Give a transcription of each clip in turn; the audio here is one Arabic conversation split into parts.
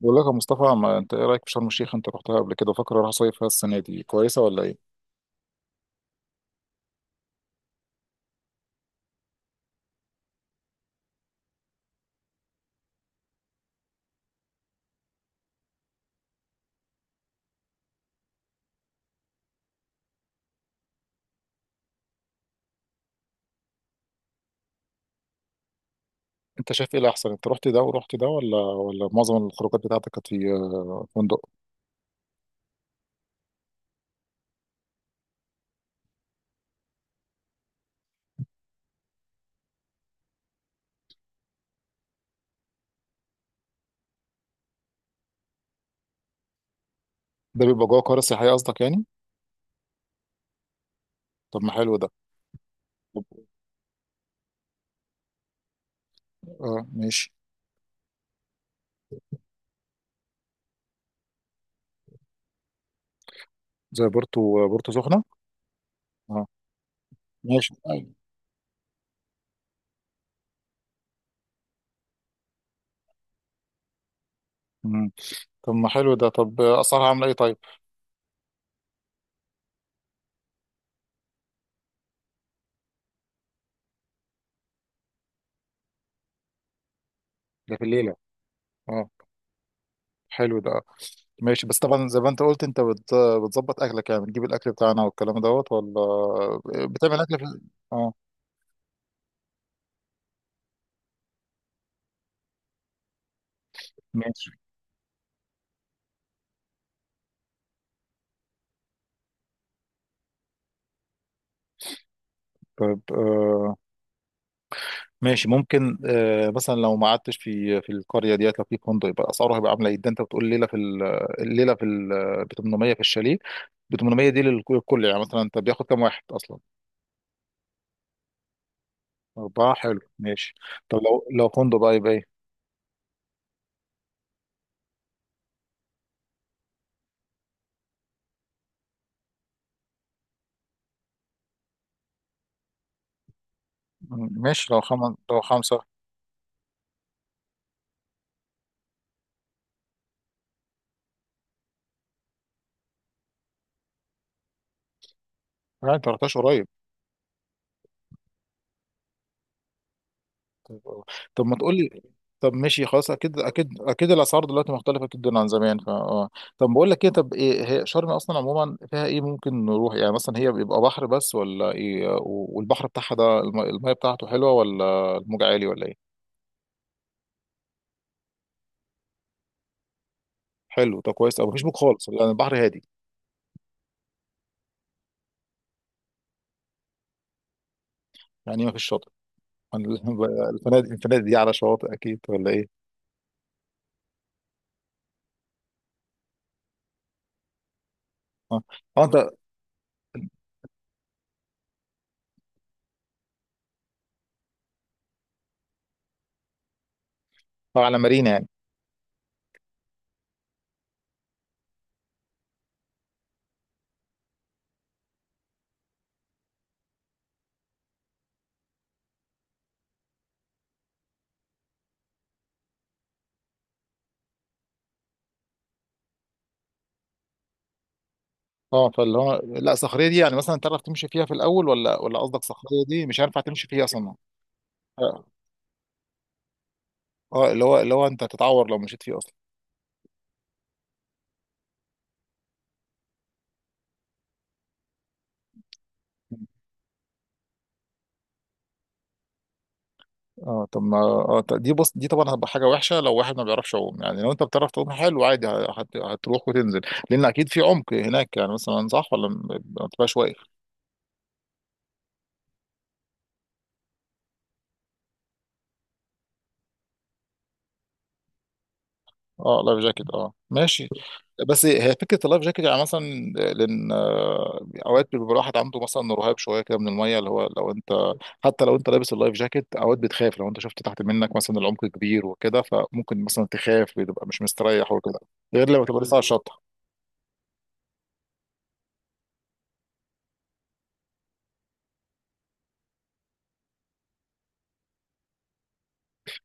بقول لك يا مصطفى، ما انت ايه رايك في شرم الشيخ؟ انت رحتها قبل كده. فاكر اروح صيف فيها السنه دي، كويسه ولا ايه؟ انت شايف ايه الاحسن؟ انت رحت ده ورحت ده، ولا معظم الخروجات بتاعتك كانت في فندق؟ ده بيبقى جوه قريه سياحيه قصدك يعني؟ طب ما حلو ده. طب- اه ماشي. زي بورتو، بورتو سخنه. اه ماشي أيوة. مم. طب ما حلو ده. طب اسعارها عامله ايه طيب؟ ده في الليله؟ اه حلو ده. ماشي، بس طبعا زي ما انت قلت انت بتظبط اكلك، يعني بتجيب الاكل بتاعنا والكلام دوت ولا بتعمل اكل في. اه ماشي. طب آه ماشي، ممكن آه مثلا لو ما قعدتش في القريه ديت، لو في فندق يبقى اسعاره هيبقى عامله ايه؟ ده انت بتقول ليله في الليله في ب 800 في الشاليه. ب 800 دي للكل يعني، مثلا انت بياخد كام واحد اصلا؟ اربعه، حلو ماشي. طب لو فندق بقى يبقى ايه؟ ماشي، لو خمس خمسه. يعني انت ما رحتش قريب؟ طب. طب ما تقول لي. طب ماشي خلاص، اكيد اكيد، الاسعار دلوقتي مختلفه جدا عن زمان، فا اه. طب بقول لك ايه، طب ايه هي شرم اصلا عموما فيها ايه ممكن نروح؟ يعني مثلا هي بيبقى بحر بس ولا ايه؟ والبحر بتاعها ده، الميه بتاعته حلوه ولا الموج عالي ولا ايه؟ حلو طب، كويس. او مفيش موج خالص يعني، البحر هادي. يعني ما فيش شاطئ يعني الفنادق، الفنادق دي على شواطئ اكيد ولا ايه؟ اه. اه انت على مارينا يعني. اه فاللي هو، لا صخريه دي يعني مثلا تعرف تمشي فيها في الاول، ولا قصدك صخريه دي مش هينفع تمشي فيها اصلا؟ اه، اللي هو انت هتتعور لو مشيت فيه اصلا. اه طب ما اه دي بص، دي طبعا هتبقى حاجه وحشه لو واحد ما بيعرفش يعوم. يعني لو انت بتعرف تعوم حلو عادي، هتروح وتنزل. لان اكيد في عمق هناك يعني، مثلا صح ولا ما تبقاش واقف. اه لايف جاكيت، اه ماشي. بس هي فكره اللايف جاكيت يعني مثلا، لان اوقات بيبقى الواحد عنده مثلا رهاب شويه كده من الميه. اللي هو لو انت، حتى لو انت لابس اللايف جاكيت، اوقات بتخاف. لو انت شفت تحت منك مثلا العمق كبير وكده، فممكن مثلا تخاف، بتبقى مش مستريح وكده، غير لما تبقى لسه على الشط.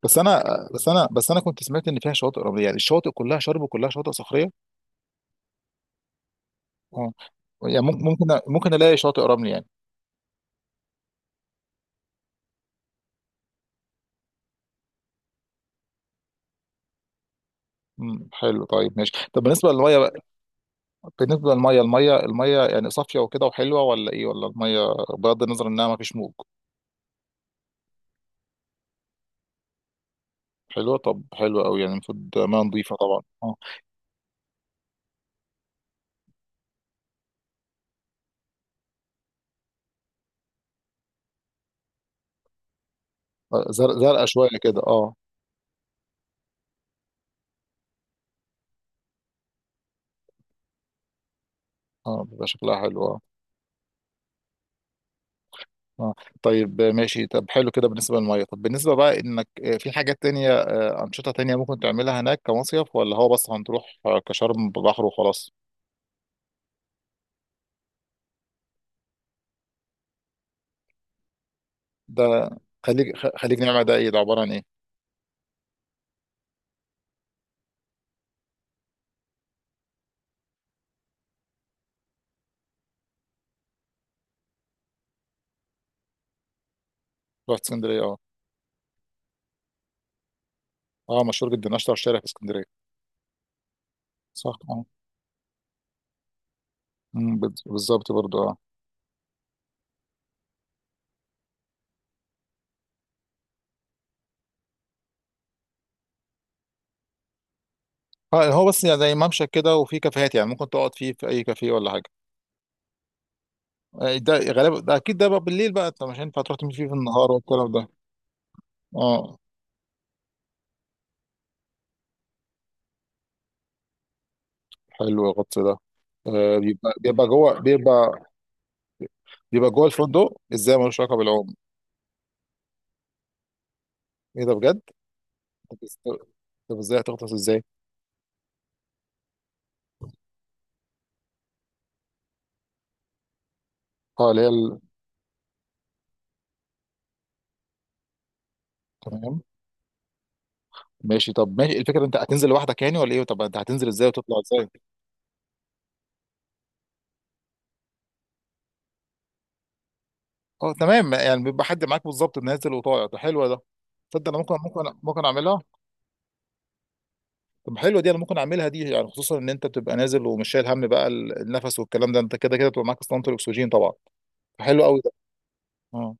بس انا بس انا بس انا كنت سمعت ان فيها شواطئ رمليه، يعني الشواطئ كلها شرب وكلها شواطئ صخريه؟ اه. يعني ممكن ممكن الاقي شاطئ رملي يعني. حلو، طيب ماشي. طب بالنسبه للميه بقى، بالنسبه للميه، الميه يعني صافيه وكده وحلوه ولا ايه؟ ولا الميه بغض النظر انها ما فيش موج. حلوه؟ طب حلوه قوي يعني، المفروض ميه نظيفه طبعا اه. زرقاء شويه كده اه. اه بيبقى شكلها حلو آه. اه طيب ماشي. طب حلو كده بالنسبة للمية. طب بالنسبة بقى انك في حاجات تانية، أنشطة تانية ممكن تعملها هناك كمصيف، ولا هو بس هنروح كشرم بحر وخلاص؟ ده خليج، خليج نعمة ده ايه؟ ده عبارة عن ايه؟ رحت اسكندرية اه. اه مشهور جدا، اشطر شارع في اسكندرية. صح اه. أمم، بالظبط برضو اه. هو بس يعني زي ممشى كده وفي كافيهات. يعني ممكن تقعد فيه في اي كافيه ولا حاجة؟ ده غالبا ده اكيد ده بقى بالليل بقى؟ انت مش هينفع تروح تمشي فيه في النهار والكلام ده؟ اه حلو، الغطس ده بيبقى جوه بيبقى؟ يبقى جوه الفندق ازاي؟ ملوش علاقه بالعوم؟ ايه ده بجد؟ طب إز- طب ازاي هتغطس ازاي؟ اه اللي هي تمام. ماشي طب، ماشي إيه الفكره؟ انت هتنزل لوحدك يعني ولا ايه؟ طب انت هتنزل ازاي وتطلع ازاي؟ اه تمام، يعني بيبقى حد معاك بالظبط نازل وطالع. ده حلوه ده، تصدق انا ممكن ممكن اعملها. طب حلوه دي، انا ممكن اعملها دي يعني، خصوصا ان انت بتبقى نازل ومش شايل هم بقى النفس والكلام ده. انت كده كده بتبقى معاك اسطوانه الاكسجين طبعا. حلو قوي ده. اه.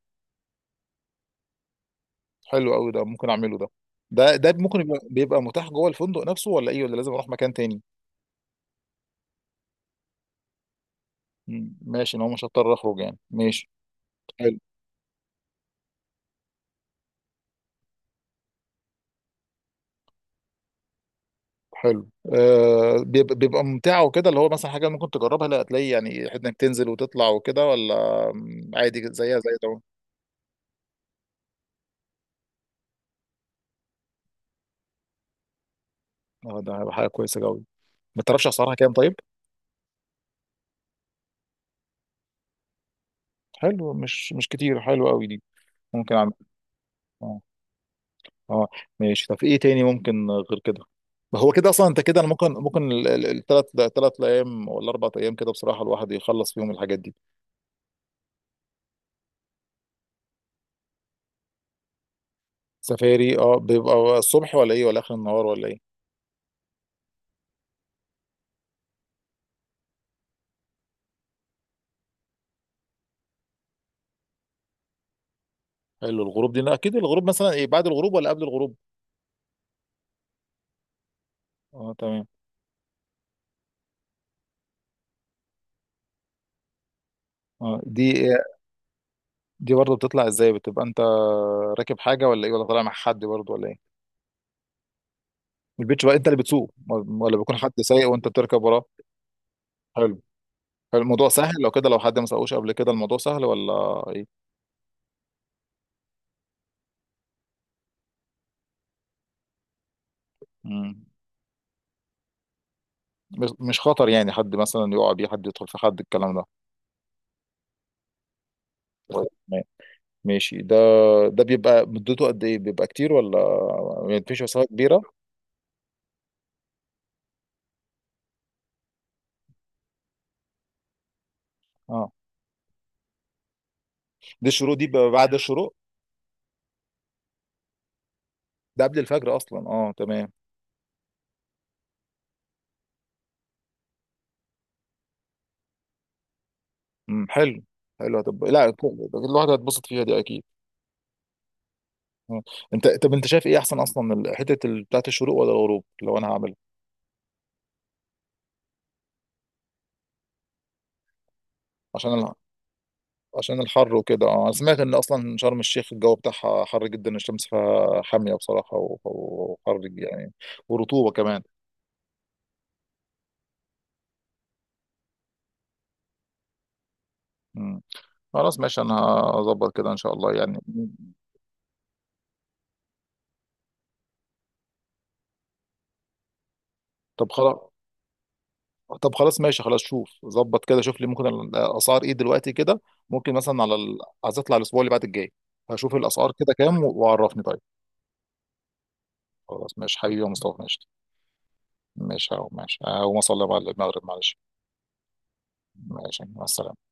حلو قوي ده، ممكن اعمله ده. ده ممكن يبقى، بيبقى متاح جوه الفندق نفسه ولا ايه، ولا لازم اروح مكان تاني؟ مم. ماشي، ان هو مش هضطر اخرج يعني، ماشي. حلو. حلو آه، بيبقى ممتعه وكده، اللي هو مثلا حاجه ممكن تجربها؟ لا هتلاقي يعني انك تنزل وتطلع وكده ولا؟ مم، عادي زيها زي ده. اه ده هيبقى حاجه كويسه قوي. ما تعرفش اسعارها كام طيب؟ حلو، مش مش كتير. حلو قوي دي، ممكن اعمل. اه. اه ماشي. طب ايه تاني ممكن غير كده؟ ما هو كده اصلا انت كده، انا ممكن الثلاث، ثلاث ايام ولا اربع ايام كده بصراحه الواحد يخلص فيهم الحاجات دي. سفاري اه. بيبقى الصبح ولا ايه، ولا اخر النهار ولا ايه؟ حلو، الغروب دي اكيد. الغروب مثلا ايه، بعد الغروب ولا قبل الغروب؟ اه تمام. اه دي، دي برضه بتطلع ازاي؟ بتبقى انت راكب حاجه ولا ايه، ولا طالع مع حد برضه ولا ايه؟ البيتش، بقى انت اللي بتسوق ولا بيكون حد سايق وانت بتركب وراه؟ حلو. حلو، الموضوع سهل لو كده؟ لو حد ما سوقوش قبل كده الموضوع سهل ولا ايه؟ مم. مش مش خطر يعني، حد مثلا يقع بيه، حد يدخل في حد الكلام ده؟ طيب، تمام. ماشي ده. ده بيبقى مدته قد ايه؟ بيبقى كتير ولا مفيش مسافه كبيره؟ اه دي الشروق، دي بيبقى بعد الشروق؟ ده قبل الفجر اصلا، اه تمام. مم، حلو. حلو طب، لا الواحد هيتبسط فيها دي اكيد. آه. انت طب انت شايف ايه احسن اصلا، حته بتاعت الشروق ولا الغروب لو انا هعملها؟ عشان ال... عشان الحر وكده اه. انا سمعت ان اصلا شرم الشيخ الجو بتاعها حر جدا، الشمس فيها حاميه بصراحه، وحر يعني ورطوبه كمان. مم. خلاص ماشي، انا هظبط كده ان شاء الله يعني. طب خلاص، طب خلاص ماشي خلاص، شوف ظبط كده، شوف لي ممكن الاسعار ايه دلوقتي كده، ممكن مثلا على عايز اطلع الاسبوع اللي بعد الجاي، هشوف الاسعار كده كام، وعرفني طيب. خلاص ماشي حبيبي يا مصطفى، ماشي. ماشي اهو، ماشي اهو، ما صلي على المغرب معلش. ماشي مع السلامه.